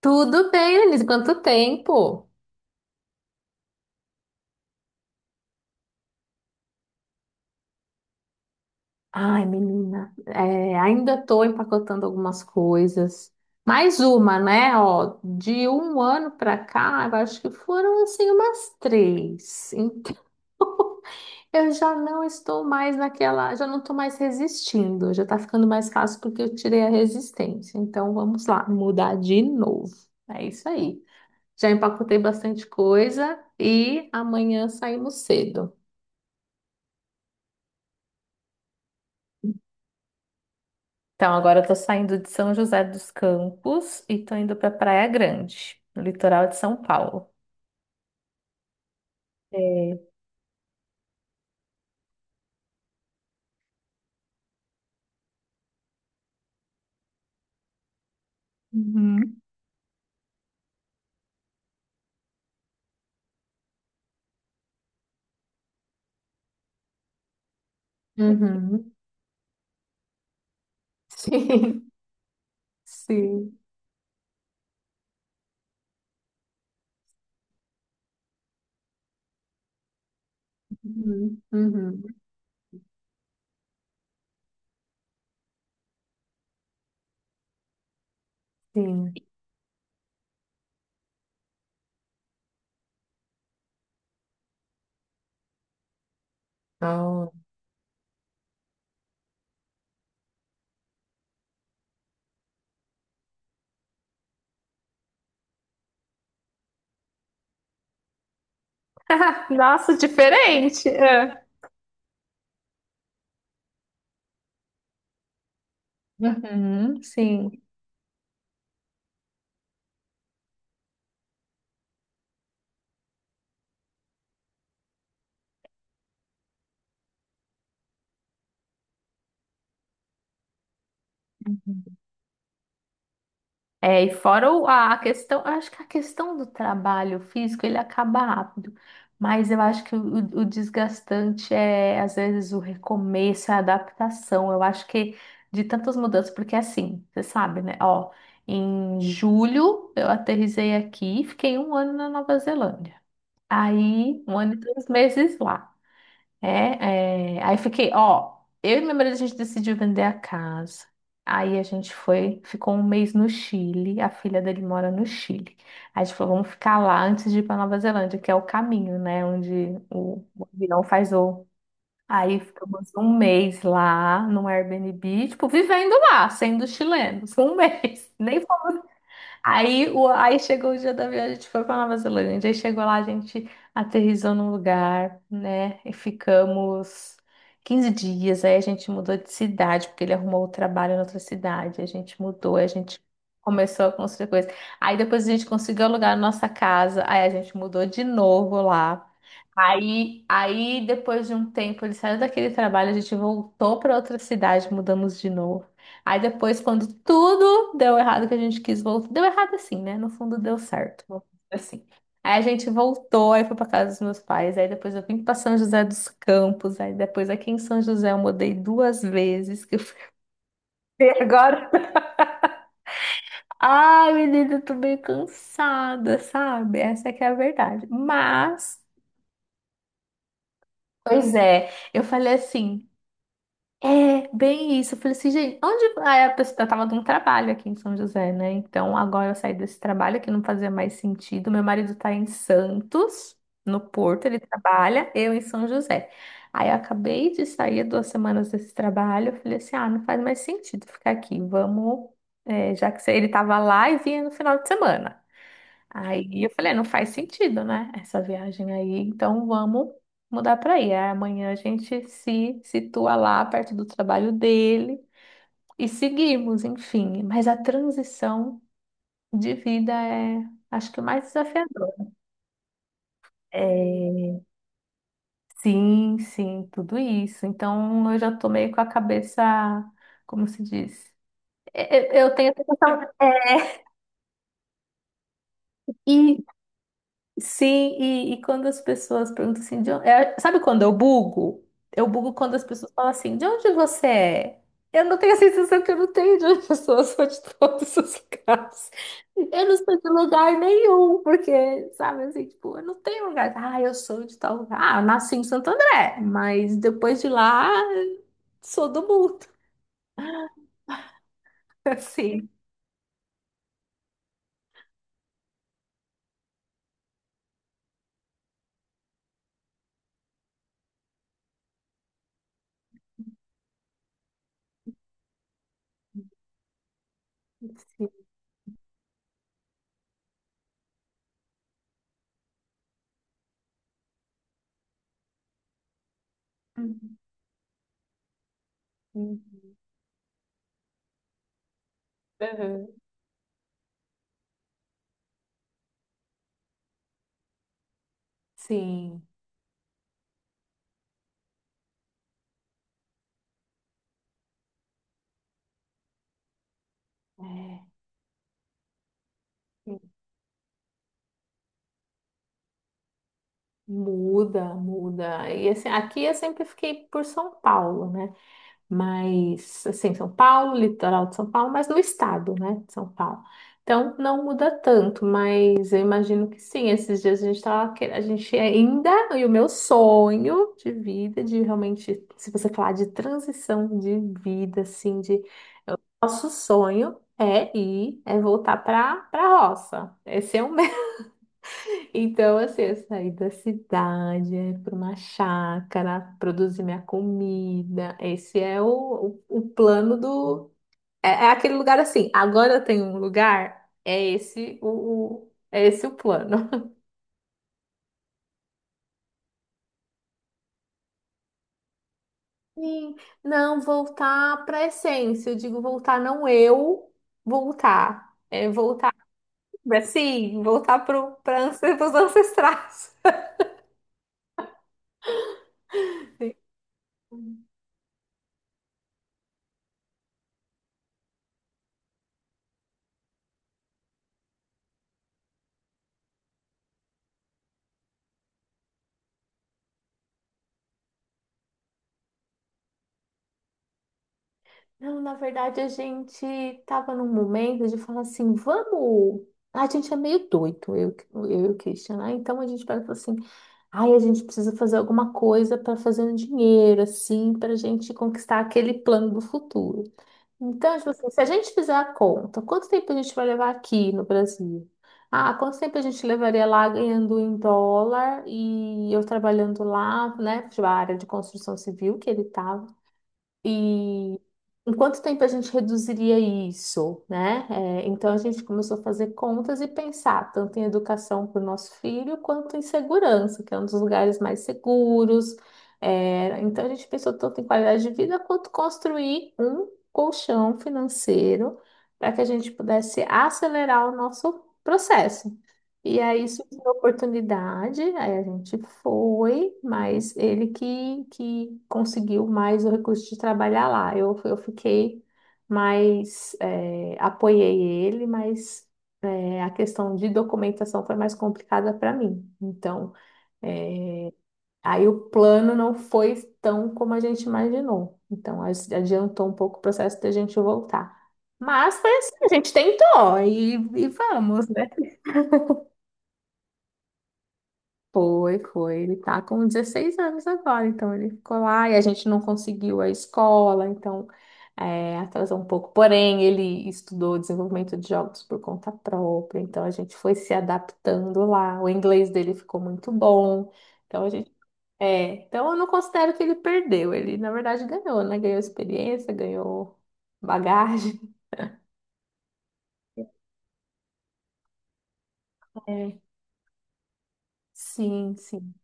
Tudo bem, Denise? Quanto tempo? Ai, menina, é, ainda estou empacotando algumas coisas. Mais uma, né? Ó, de um ano para cá, eu acho que foram assim umas três. Então, eu já não estou mais naquela, já não estou mais resistindo. Já está ficando mais fácil porque eu tirei a resistência. Então, vamos lá, mudar de novo. É isso aí. Já empacotei bastante coisa e amanhã saímos cedo. Então, agora eu tô saindo de São José dos Campos e tô indo pra Praia Grande, no litoral de São Paulo. É. Uhum. Uhum. Sim, sim. Uhum. Uhum. Sim. Ah. Nossa, diferente! É. Uhum. Sim. É, e fora a questão, eu acho que a questão do trabalho físico, ele acaba rápido, mas eu acho que o desgastante é, às vezes, o recomeço, a adaptação, eu acho que de tantas mudanças, porque assim, você sabe, né, ó, em julho eu aterrisei aqui, e fiquei um ano na Nova Zelândia, aí um ano e 3 meses lá. É, aí fiquei, ó, eu e meu marido a gente decidiu vender a casa. Aí a gente foi, ficou um mês no Chile, a filha dele mora no Chile. Aí a gente falou, vamos ficar lá antes de ir para Nova Zelândia, que é o caminho, né, onde o avião faz o. Aí ficamos um mês lá no Airbnb, tipo, vivendo lá, sendo chilenos, um mês. Nem fomos. Aí chegou o dia da viagem, a gente foi para Nova Zelândia. Aí chegou lá, a gente aterrissou num lugar, né? E ficamos 15 dias. Aí a gente mudou de cidade, porque ele arrumou o trabalho em outra cidade. A gente mudou, aí a gente começou a construir coisa. Aí depois a gente conseguiu alugar a nossa casa. Aí a gente mudou de novo lá. Aí, depois de um tempo, ele saiu daquele trabalho, a gente voltou para outra cidade, mudamos de novo. Aí depois, quando tudo deu errado que a gente quis voltar, deu errado assim, né? No fundo deu certo, vamos dizer assim. Aí a gente voltou, aí foi pra casa dos meus pais, aí depois eu vim pra São José dos Campos, aí depois aqui em São José eu mudei duas vezes, que eu fiquei agora. Ai, menina, eu tô meio cansada, sabe? Essa é que é a verdade. Mas, pois é, eu falei assim, é, bem isso. Eu falei assim, gente, onde. Aí a pessoa eu tava num trabalho aqui em São José, né? Então agora eu saí desse trabalho que não fazia mais sentido. Meu marido tá em Santos, no Porto, ele trabalha, eu em São José. Aí eu acabei de sair 2 semanas desse trabalho. Eu falei assim, ah, não faz mais sentido ficar aqui. Vamos, é, já que ele tava lá e vinha no final de semana. Aí eu falei, "É, não faz sentido, né? Essa viagem aí, então vamos mudar para aí." Aí amanhã a gente se situa lá perto do trabalho dele e seguimos, enfim. Mas a transição de vida é, acho que o mais desafiador. É, sim, sim, tudo isso. Então eu já tô meio com a cabeça, como se diz? Eu tenho a sensação. Sim, e quando as pessoas perguntam assim, de onde... é, sabe quando eu bugo? Eu bugo quando as pessoas falam assim, de onde você é? Eu não tenho a sensação, que eu não tenho de onde, as pessoas são de todos os lugares. Eu não sou de lugar nenhum, porque, sabe, assim, tipo, eu não tenho lugar. Ah, eu sou de tal lugar. Ah, eu nasci em Santo André, mas depois de lá, sou do mundo. Assim. Sim. Uhum. Uhum. Sim. É. Muda, muda. E assim, aqui eu sempre fiquei por São Paulo, né? Mas, assim, São Paulo, litoral de São Paulo, mas do estado, né? De São Paulo. Então, não muda tanto, mas eu imagino que sim. Esses dias a gente tava, a gente ainda, e o meu sonho de vida, de realmente, se você falar de transição de vida, assim, de nosso sonho é ir, é voltar para para roça. Esse é o, então, assim, eu saí da cidade, ir para uma chácara, produzir minha comida. Esse é o plano do. É, é aquele lugar assim. Agora eu tenho um lugar, é esse o, é esse o plano. Sim, não, voltar para a essência. Eu digo voltar, não eu voltar. É voltar, sim, voltar para os ancestrais. Não, na verdade, a gente estava num momento de falar assim, vamos. A gente é meio doido, eu e o Christian, né? Então a gente pega e fala assim, ai, a gente precisa fazer alguma coisa para fazer um dinheiro, assim, para a gente conquistar aquele plano do futuro. Então, tipo assim, se a gente fizer a conta, quanto tempo a gente vai levar aqui no Brasil? Ah, quanto tempo a gente levaria lá ganhando em dólar e eu trabalhando lá, né? Tipo, a área de construção civil que ele estava. E em quanto tempo a gente reduziria isso, né? É, então a gente começou a fazer contas e pensar tanto em educação para o nosso filho quanto em segurança, que é um dos lugares mais seguros. É, então a gente pensou tanto em qualidade de vida quanto construir um colchão financeiro para que a gente pudesse acelerar o nosso processo. E aí surgiu a oportunidade, aí a gente foi, mas ele que conseguiu mais o recurso de trabalhar lá. Eu fiquei mais, apoiei ele, mas a questão de documentação foi mais complicada para mim. Então, eh, aí o plano não foi tão como a gente imaginou. Então, adiantou um pouco o processo da gente voltar. Mas foi assim, a gente tentou e vamos, né? Foi, foi. Ele tá com 16 anos agora, então ele ficou lá e a gente não conseguiu a escola, então é, atrasou um pouco. Porém, ele estudou desenvolvimento de jogos por conta própria, então a gente foi se adaptando lá. O inglês dele ficou muito bom, então a gente. É, então eu não considero que ele perdeu, ele na verdade ganhou, né? Ganhou experiência, ganhou bagagem. É, sim, sim.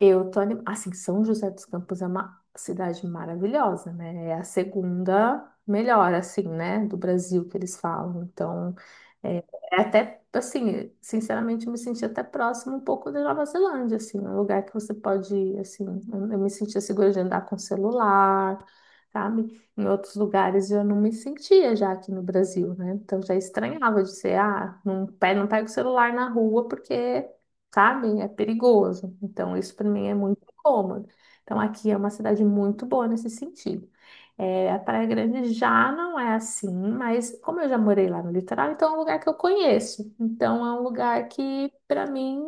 Eu tô assim, São José dos Campos é uma cidade maravilhosa, né? É a segunda melhor, assim, né, do Brasil, que eles falam. Então, é, é até assim, sinceramente, eu me senti até próximo um pouco da Nova Zelândia, assim, é um lugar que você pode ir, assim, eu me sentia segura de andar com celular, sabe? Em outros lugares eu não me sentia, já aqui no Brasil, né? Então já estranhava de ser, ah, não, não pega o celular na rua porque, sabe? É perigoso. Então, isso para mim é muito incômodo. Então, aqui é uma cidade muito boa nesse sentido. É, a Praia Grande já não é assim, mas como eu já morei lá no litoral, então é um lugar que eu conheço. Então, é um lugar que, para mim,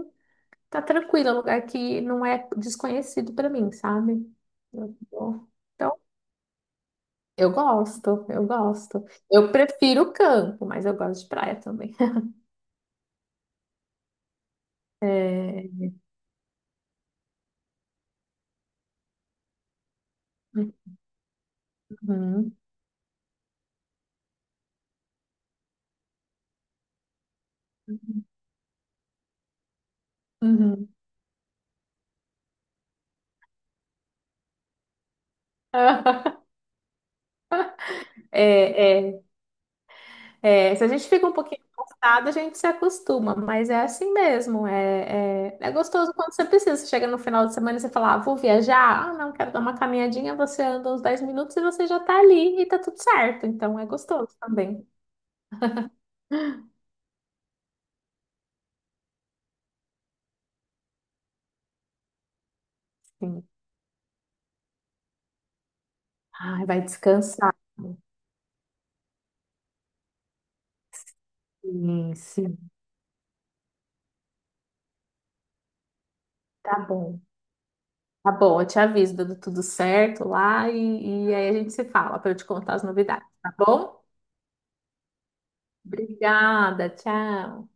tá tranquilo, é um lugar que não é desconhecido para mim, sabe? Eu tô- Então, eu gosto, eu gosto. Eu prefiro o campo, mas eu gosto de praia também. É... uhum, uhum. É, é, é, se a gente fica um pouquinho cansado, a gente se acostuma, mas é assim mesmo. É, gostoso quando você precisa. Você chega no final de semana e você fala, ah, vou viajar, ah, não, quero dar uma caminhadinha. Você anda uns 10 minutos e você já tá ali e tá tudo certo. Então é gostoso também. Sim. Ai, vai descansar. Sim, sim. Tá bom. Tá bom, eu te aviso dando tudo certo lá e aí a gente se fala para eu te contar as novidades, tá bom? Obrigada, tchau.